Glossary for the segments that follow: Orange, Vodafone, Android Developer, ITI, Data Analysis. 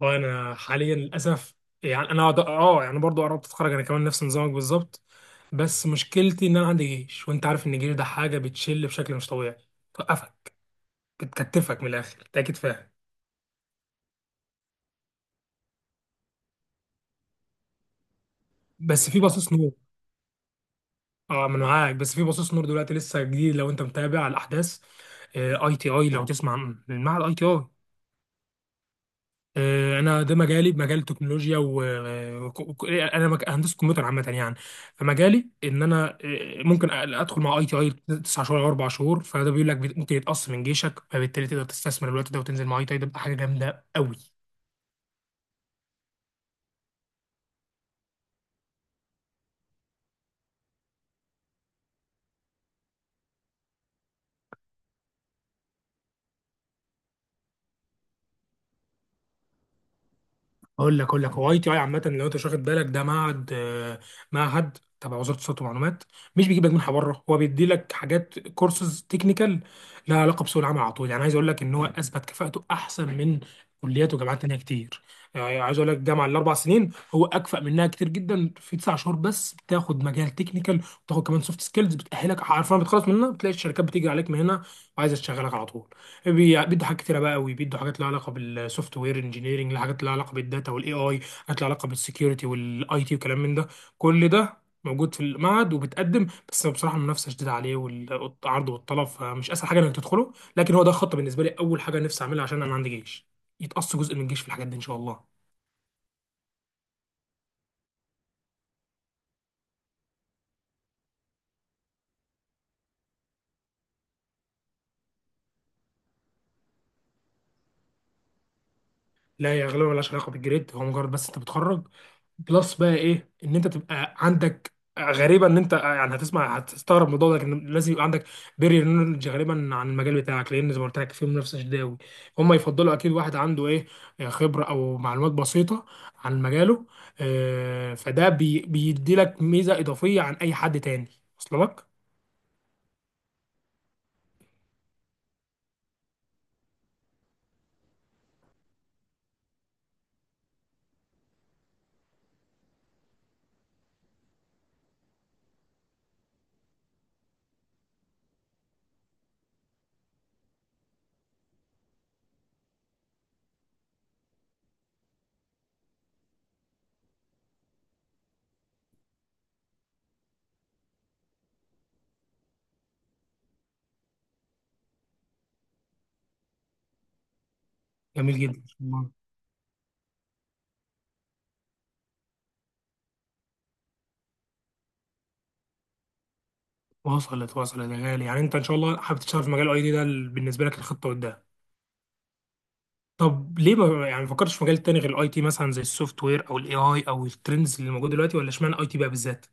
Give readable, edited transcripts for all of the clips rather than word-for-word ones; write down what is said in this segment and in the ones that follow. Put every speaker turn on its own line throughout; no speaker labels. وانا حاليا للاسف يعني انا برضو قربت اتخرج انا كمان نفس نظامك بالظبط. بس مشكلتي ان انا عندي جيش، وانت عارف ان الجيش ده حاجه بتشل بشكل مش طبيعي، توقفك، بتكتفك من الاخر، انت اكيد فاهم. بس في بصيص نور، اه من معاك. بس في بصيص نور دلوقتي لسه جديد لو انت متابع على الاحداث. اي تي اي، لو تسمع عن المعهد اي تي اي. انا ده مجالي مجال التكنولوجيا و هندسه كمبيوتر عامه يعني. فمجالي ان انا ممكن ادخل مع اي تي اي تسع شهور او اربع شهور، فده بيقول لك ممكن يتقص من جيشك، فبالتالي تقدر تستثمر الوقت ده وتنزل مع اي تي اي. ده بتبقى حاجه جامده قوي. اقول لك هو اي تي اي عامه، لو انت مش واخد بالك، ده معهد، معهد تبع وزاره الاتصالات والمعلومات. مش بيجيب لك منحه بره، هو بيدي لك حاجات كورسز تكنيكال لها علاقه بسوق العمل على طول. يعني عايز اقول لك ان هو اثبت كفاءته احسن من كليات وجامعات تانيه كتير. يعني عايز اقول لك الجامعه الاربع سنين هو اكفأ منها كتير جدا. في تسع شهور بس بتاخد مجال تكنيكال وتاخد كمان سوفت سكيلز بتاهلك، عارفه، بتخلص منها بتلاقي الشركات بتيجي عليك من هنا وعايزه تشغلك على طول. بيدوا حاجات كتيره بقى قوي، بيدوا حاجات لها علاقه بالسوفت وير انجينيرنج، حاجات لها علاقه بالداتا والاي اي، حاجات لها علاقه بالسكيورتي والاي تي وكلام من ده. كل ده موجود في المعهد، وبتقدم، بس بصراحه المنافسه شديده عليه والعرض والطلب، فمش اسهل حاجه انك تدخله. لكن هو ده خط بالنسبه لي، اول حاجه نفسي اعملها، عشان انا عندي جيش يتقص جزء من الجيش في الحاجات دي ان شاء الله. لا يا غالبا ملهاش علاقه بالجريد، هو مجرد بس انت بتخرج بلس بقى ايه، ان انت تبقى عندك، غريبه ان انت يعني هتسمع هتستغرب من الموضوع ده، لكن لازم يبقى عندك بيرير نولج غالبا عن المجال بتاعك، لان زي ما قلت لك في منافسه شديده قوي. هم يفضلوا اكيد واحد عنده ايه، خبره او معلومات بسيطه عن مجاله. فده بيدي لك ميزه اضافيه عن اي حد تاني. وصل لك؟ جميل جدا. وصلت وصلت يا غالي. يعني انت ان شاء الله حابب تشتغل في مجال اي دي ده، بالنسبه لك الخطه قدام. طب ليه ما فكرتش في مجال تاني غير الاي تي، مثلا زي السوفت وير او الاي اي او الترندز اللي موجوده دلوقتي، ولا اشمعنى اي تي بقى بالذات؟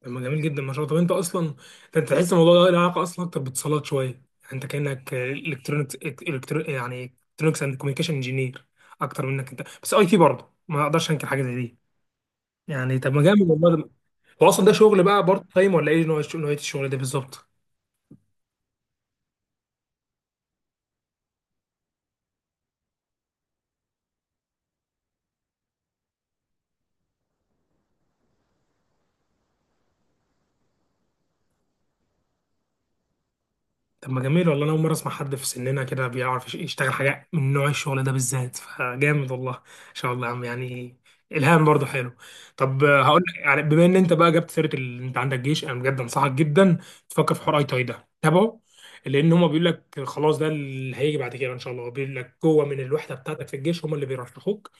طب ما جميل جدا، ما شاء الله. طب انت اصلا، ده انت تحس الموضوع ده له علاقه اصلا اكتر باتصالات شويه. يعني انت كانك الكترونكس إلكترو- يعني الكترونكس اند كوميونيكيشن انجينير اكتر منك انت، بس اي تي برضه ما اقدرش انكر حاجه زي دي. يعني طب ما جامد والله. هو اصلا ده شغل بقى بارت تايم ولا ايه نوع الشغل، نوعيه الشغل ده بالظبط؟ طب ما جميل والله. انا اول مره اسمع حد في سننا كده بيعرف يشتغل حاجه من نوع الشغل ده بالذات، فجامد والله ان شاء الله يا عم يعني. الهام برضه حلو. طب هقول لك، يعني بما ان انت بقى جبت سيره انت عندك جيش، انا بجد انصحك جدا تفكر في حوار اي تاي ده، تابعه، لان هما بيقول لك خلاص ده اللي هيجي بعد كده ان شاء الله. بيقول لك جوه من الوحده بتاعتك في الجيش هما اللي بيرشحوك.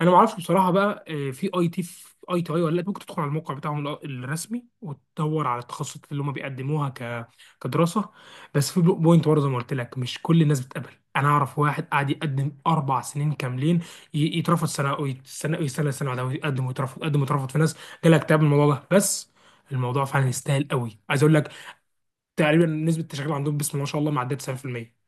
انا ما اعرفش بصراحه بقى، في اي تي في اي تي اي ولا لا، ممكن تدخل على الموقع بتاعهم الرسمي وتدور على التخصصات اللي هم بيقدموها كدراسه. بس في بوينت برضه زي ما قلت لك، مش كل الناس بتقبل. انا اعرف واحد قاعد يقدم اربع سنين كاملين، يترفض سنه ويستنى، يستنى سنه بعدها ويقدم ويترفض، يقدم ويترفض. في ناس جالها اكتئاب من الموضوع ده، بس الموضوع فعلا يستاهل قوي. عايز اقول لك تقريبا نسبه التشغيل عندهم، بسم الله ما شاء الله، معديه 90%،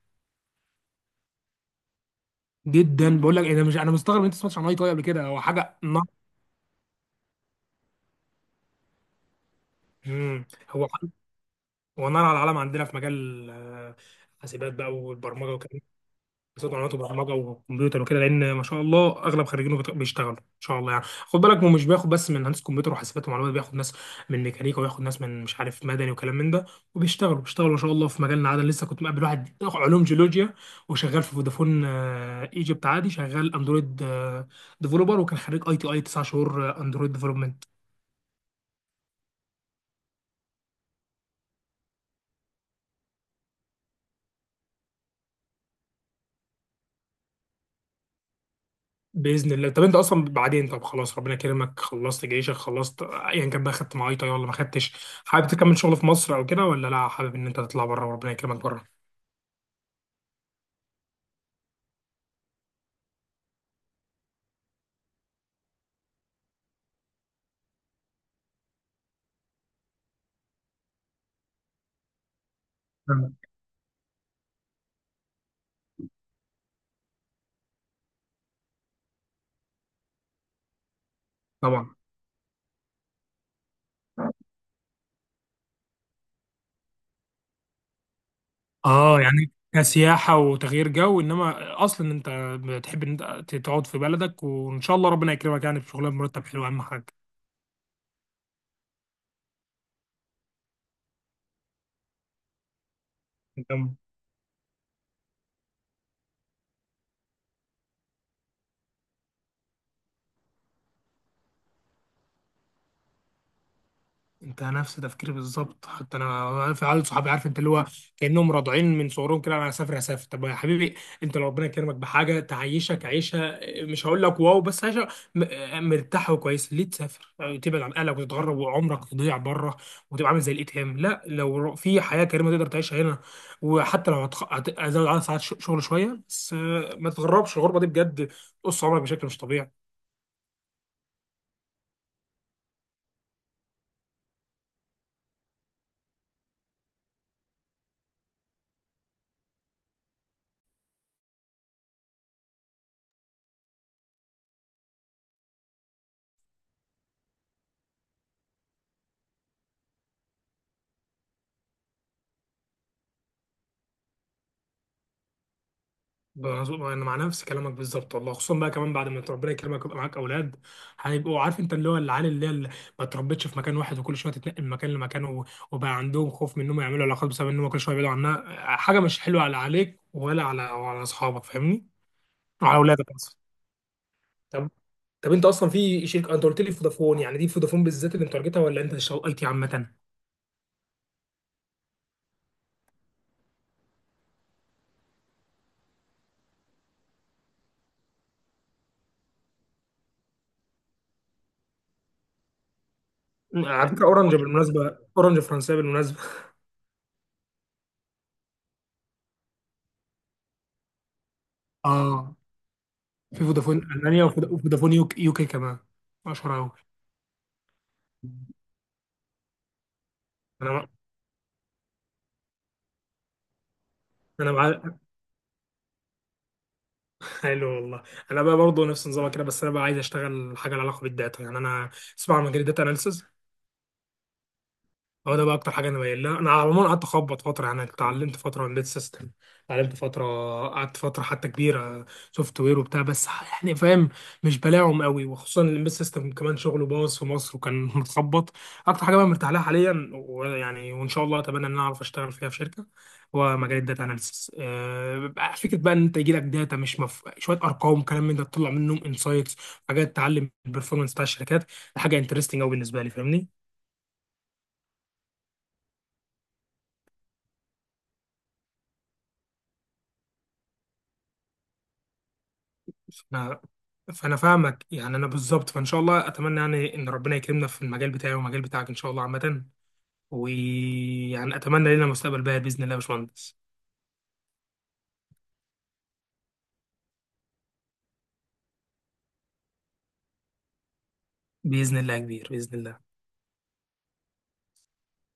جدا. بقول لك إيه، انا مش، انا مستغرب ان انت ما سمعتش عن اي تي اي قبل كده، هو حاجه نعم. مم. هو ونار على العالم عندنا في مجال حاسبات بقى والبرمجه وكده. حاسبات معلومات وبرمجه وكمبيوتر وكده، لان ما شاء الله اغلب خريجينه بيشتغلوا ان شاء الله. يعني خد بالك، هو مش بياخد بس من هندسه كمبيوتر وحاسبات ومعلومات، بياخد ناس من ميكانيكا، وياخد ناس من مش عارف مدني وكلام من ده، وبيشتغلوا بيشتغلوا ما شاء الله في مجالنا عادي. لسه كنت مقابل واحد علوم جيولوجيا وشغال في فودافون ايجيبت، عادي شغال اندرويد ديفلوبر، وكان خريج اي تي اي 9 شهور اندرويد ديفلوبمنت. باذن الله. طب انت اصلا بعدين، طب خلاص ربنا كرمك، خلصت جيشك، خلصت ايا كان بقى، خدت معايطه ولا ما خدتش، حابب تكمل شغل في مصر او كده، ولا لا حابب ان انت تطلع بره وربنا يكرمك بره. تمام. طبعا. اه يعني كسياحه وتغيير جو، انما اصلا انت بتحب ان انت تقعد في بلدك، وان شاء الله ربنا يكرمك يعني بشغلانه مرتب حلو، اهم حاجه. انت نفس تفكيري بالظبط، حتى انا في عيال صحابي، عارف انت اللي هو كانهم راضعين من صغرهم كده، انا هسافر هسافر. طب يا حبيبي، انت لو ربنا كرمك بحاجه تعيشك عيشه، مش هقول لك واو، بس عيشه مرتاح وكويس، ليه تسافر يعني تبعد عن اهلك وتتغرب وعمرك يضيع بره، وتبقى عامل زي الاتهام؟ لا، لو في حياه كريمه تقدر تعيشها هنا، وحتى لو هزود عدد ساعات شغل شويه، بس ما تتغربش، الغربه دي بجد بتقص عمرك بشكل مش طبيعي. مظبوط، انا مع نفس كلامك بالظبط والله، خصوصا بقى كمان بعد ما ربنا يكرمك ويبقى معاك اولاد، هيبقوا عارف انت اللي هو، العيال اللي هي اللي ما اتربتش في مكان واحد، وكل شويه تتنقل من مكان لمكان و- وبقى عندهم خوف من انهم يعملوا علاقات بسبب انهم كل شويه يبعدوا عنها. حاجه مش حلوه على عليك، ولا على وعلى اصحابك، فاهمني؟ وعلى اولادك اصلا. طب طب انت اصلا في شركه، انت قلت لي فودافون، يعني دي فودافون بالذات اللي انت تارجتها، ولا انت شغلت عامه؟ على فكره اورنج بالمناسبه، اورنج فرنسيه بالمناسبه. اه، في فودافون المانيا وفودافون يوكي كمان، اشهر قوي. انا مع- انا مع... حلو والله. انا بقى برضه نفس نظامك كده، بس انا بقى عايز اشتغل حاجه لها علاقه بالداتا. يعني انا اسمع عن مجال الداتا اناليسز، هو ده بقى اكتر حاجه انا مايل لها. انا على العموم قعدت اخبط فتره، يعني اتعلمت فتره امبيد سيستم، اتعلمت فتره، قعدت فتره حتى كبيره سوفت وير وبتاع، بس يعني فاهم، مش بلاعهم قوي، وخصوصا الامبيد سيستم كمان شغله باظ في مصر، وكان متخبط. اكتر حاجه بقى مرتاح لها حاليا ويعني وان شاء الله اتمنى ان انا اعرف اشتغل فيها في شركه، هو مجال الداتا اناليسيس. بقى فكره بقى ان انت يجي لك داتا، مش مف... شويه ارقام كلام من ده تطلع منهم انسايتس، حاجات تعلم البرفورمانس بتاع الشركات. ده حاجه انترستنج قوي بالنسبه لي، فاهمني؟ انا فانا فاهمك، يعني انا بالظبط، فان شاء الله اتمنى يعني ان ربنا يكرمنا في المجال بتاعي والمجال بتاعك ان شاء الله عامه، ويعني اتمنى لنا مستقبل باهر باذن الله يا باشمهندس. باذن الله يا كبير، باذن الله.